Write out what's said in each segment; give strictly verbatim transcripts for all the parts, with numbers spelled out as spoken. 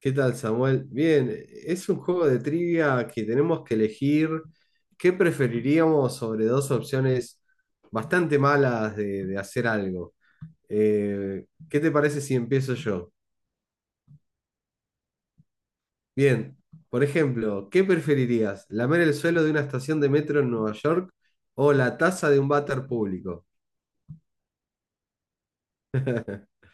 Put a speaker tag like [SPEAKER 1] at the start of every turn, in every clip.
[SPEAKER 1] ¿Qué tal, Samuel? Bien, es un juego de trivia que tenemos que elegir qué preferiríamos sobre dos opciones bastante malas de, de hacer algo. Eh, ¿qué te parece si empiezo yo? Bien, por ejemplo, ¿qué preferirías? ¿Lamer el suelo de una estación de metro en Nueva York o la taza de un váter público?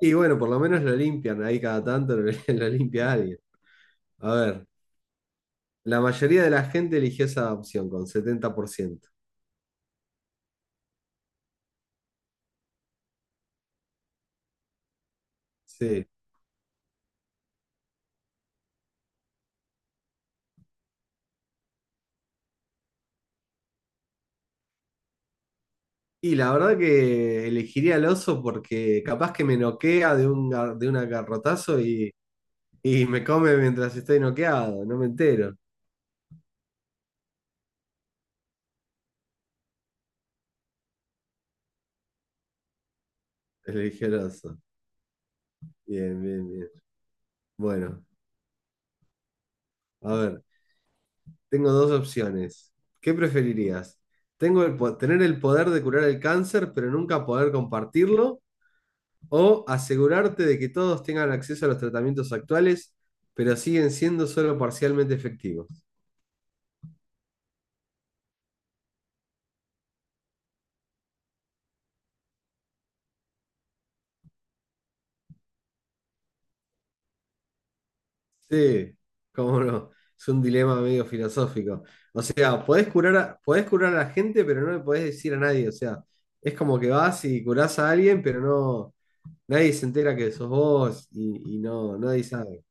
[SPEAKER 1] Y bueno, por lo menos lo limpian, ahí cada tanto lo, limpia alguien. A ver, la mayoría de la gente eligió esa opción con setenta por ciento. Sí. Y la verdad que elegiría al oso porque capaz que me noquea de un, gar- de un garrotazo y, y me come mientras estoy noqueado, no me entero. Elegí al oso. Bien, bien, bien. Bueno, a ver, tengo dos opciones. ¿Qué preferirías? Tengo el, po- tener el poder de curar el cáncer, pero nunca poder compartirlo, o asegurarte de que todos tengan acceso a los tratamientos actuales, pero siguen siendo solo parcialmente efectivos. Sí, cómo no. Es un dilema medio filosófico. O sea, podés curar a, podés curar a la gente, pero no le podés decir a nadie. O sea, es como que vas y curás a alguien, pero no, nadie se entera que sos vos y, y no, nadie sabe.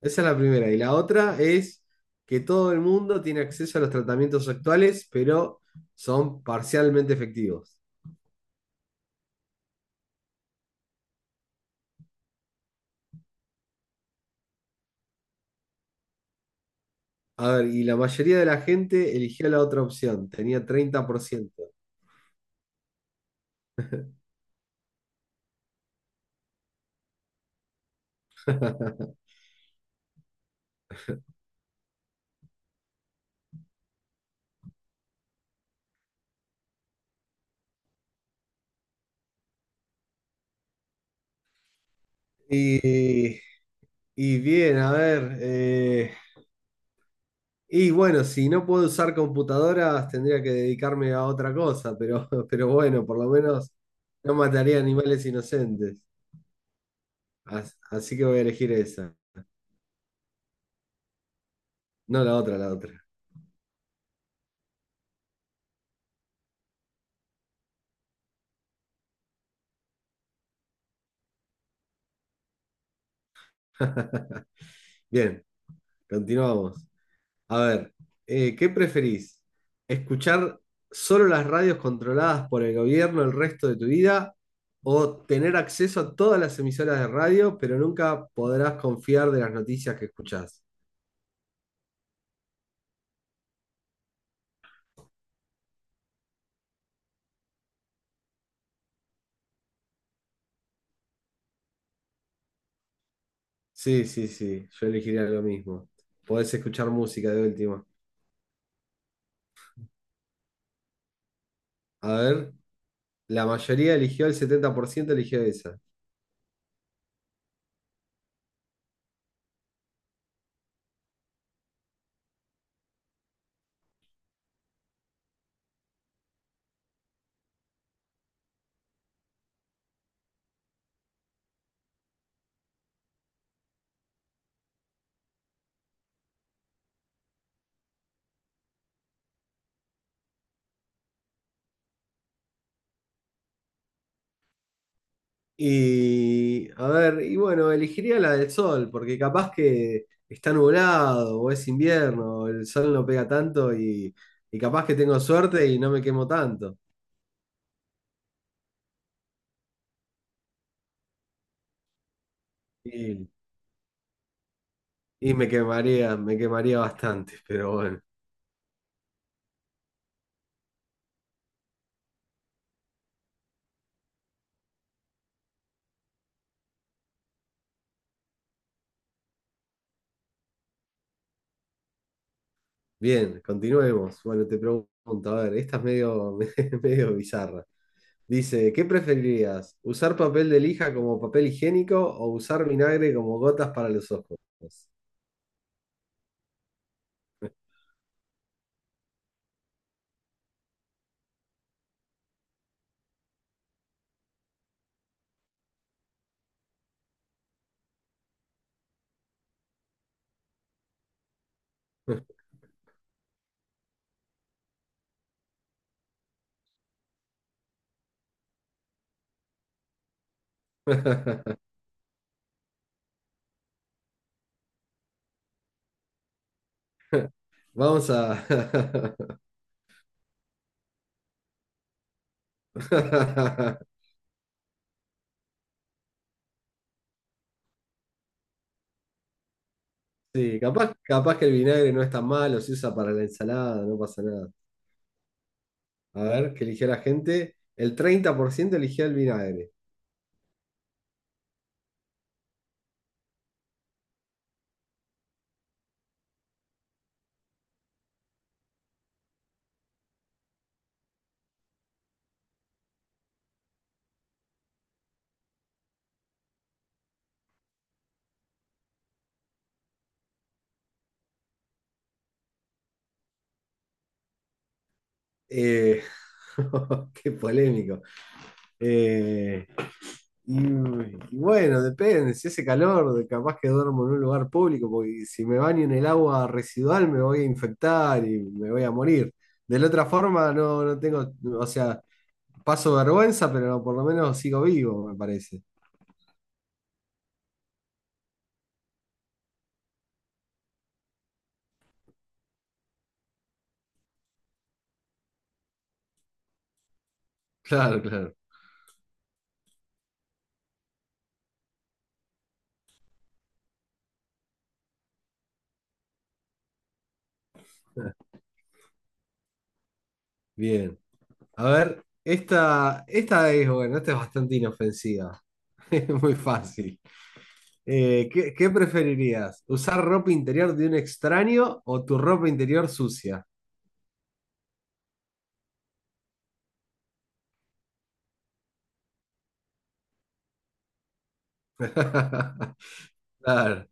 [SPEAKER 1] Esa es la primera. Y la otra es que todo el mundo tiene acceso a los tratamientos actuales, pero son parcialmente efectivos. A ver, y la mayoría de la gente eligió la otra opción, tenía treinta por ciento. Y, y bien, a ver. eh, Y bueno, si no puedo usar computadoras, tendría que dedicarme a otra cosa, pero, pero bueno, por lo menos no mataría animales inocentes. As- Así que voy a elegir esa, no la otra, la otra. Bien, continuamos. A ver, eh, ¿qué preferís? ¿Escuchar solo las radios controladas por el gobierno el resto de tu vida o tener acceso a todas las emisoras de radio, pero nunca podrás confiar de las noticias que escuchás? Sí, sí, sí, yo elegiría lo mismo. Podés escuchar música de última. A ver, la mayoría eligió, el setenta por ciento eligió esa. Y, a ver, y bueno, elegiría la del sol, porque capaz que está nublado o es invierno, el sol no pega tanto y, y capaz que tengo suerte y no me quemo tanto. Y, y me quemaría, me quemaría bastante, pero bueno. Bien, continuemos. Bueno, te pregunto, a ver, esta es medio, medio bizarra. Dice, ¿qué preferirías? ¿Usar papel de lija como papel higiénico o usar vinagre como gotas para los ojos? Vamos a... Sí, capaz, capaz que el vinagre no es tan malo, se usa para la ensalada, no pasa nada. A ver, ¿qué eligió la gente? El treinta por ciento eligió el vinagre. Eh, Qué polémico. Eh, y, y bueno, depende, si hace calor, capaz que duermo en un lugar público, porque si me baño en el agua residual me voy a infectar y me voy a morir. De la otra forma, no, no tengo, o sea, paso vergüenza, pero no, por lo menos sigo vivo, me parece. Claro, claro. Bien. A ver, esta, esta es, bueno, esta es bastante inofensiva. Es muy fácil. Eh, ¿qué, qué preferirías? ¿Usar ropa interior de un extraño o tu ropa interior sucia? Claro.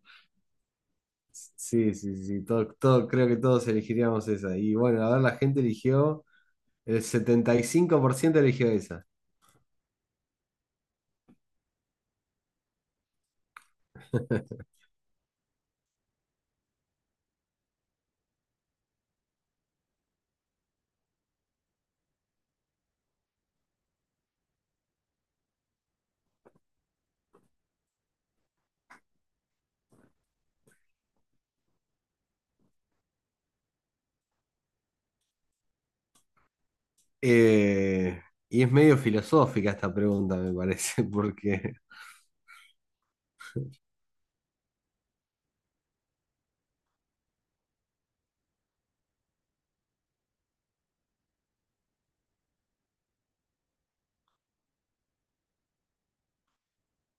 [SPEAKER 1] Sí, sí, sí, todo, todo- creo que todos elegiríamos esa. Y bueno, a ver, la gente eligió, el setenta y cinco por ciento eligió esa. Eh, y es medio filosófica esta pregunta, me parece, porque...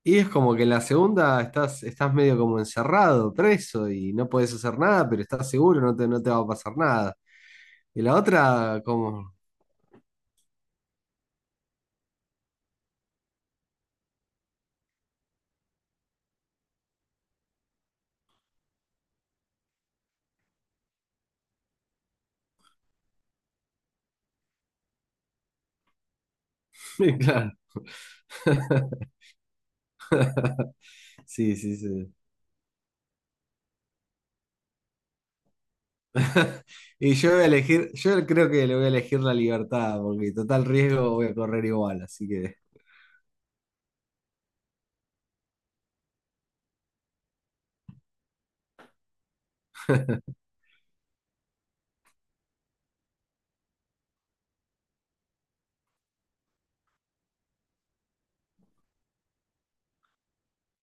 [SPEAKER 1] Y es como que en la segunda estás, estás medio como encerrado, preso, y no puedes hacer nada, pero estás seguro, no te, no te va a pasar nada. Y la otra, como... Claro. Sí, sí, sí. Y yo voy a elegir, yo creo que le voy a elegir la libertad, porque total riesgo voy a correr igual, así que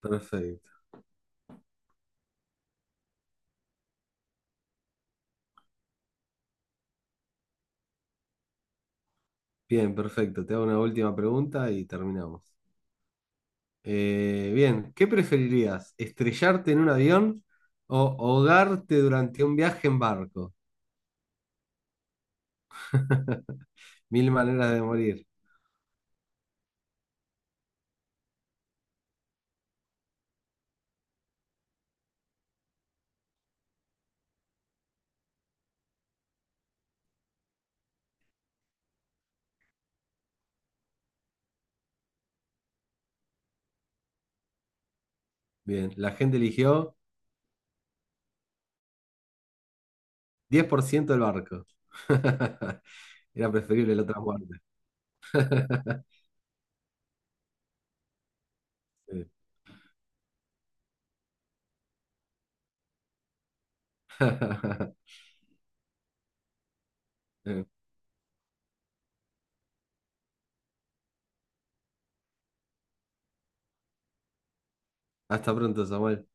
[SPEAKER 1] perfecto. Bien, perfecto. Te hago una última pregunta y terminamos. Eh, bien, ¿qué preferirías? ¿Estrellarte en un avión o ahogarte durante un viaje en barco? Mil maneras de morir. Bien, la gente eligió diez por ciento del barco. Era preferible la otra muerte. Sí. Hasta pronto, Samuel.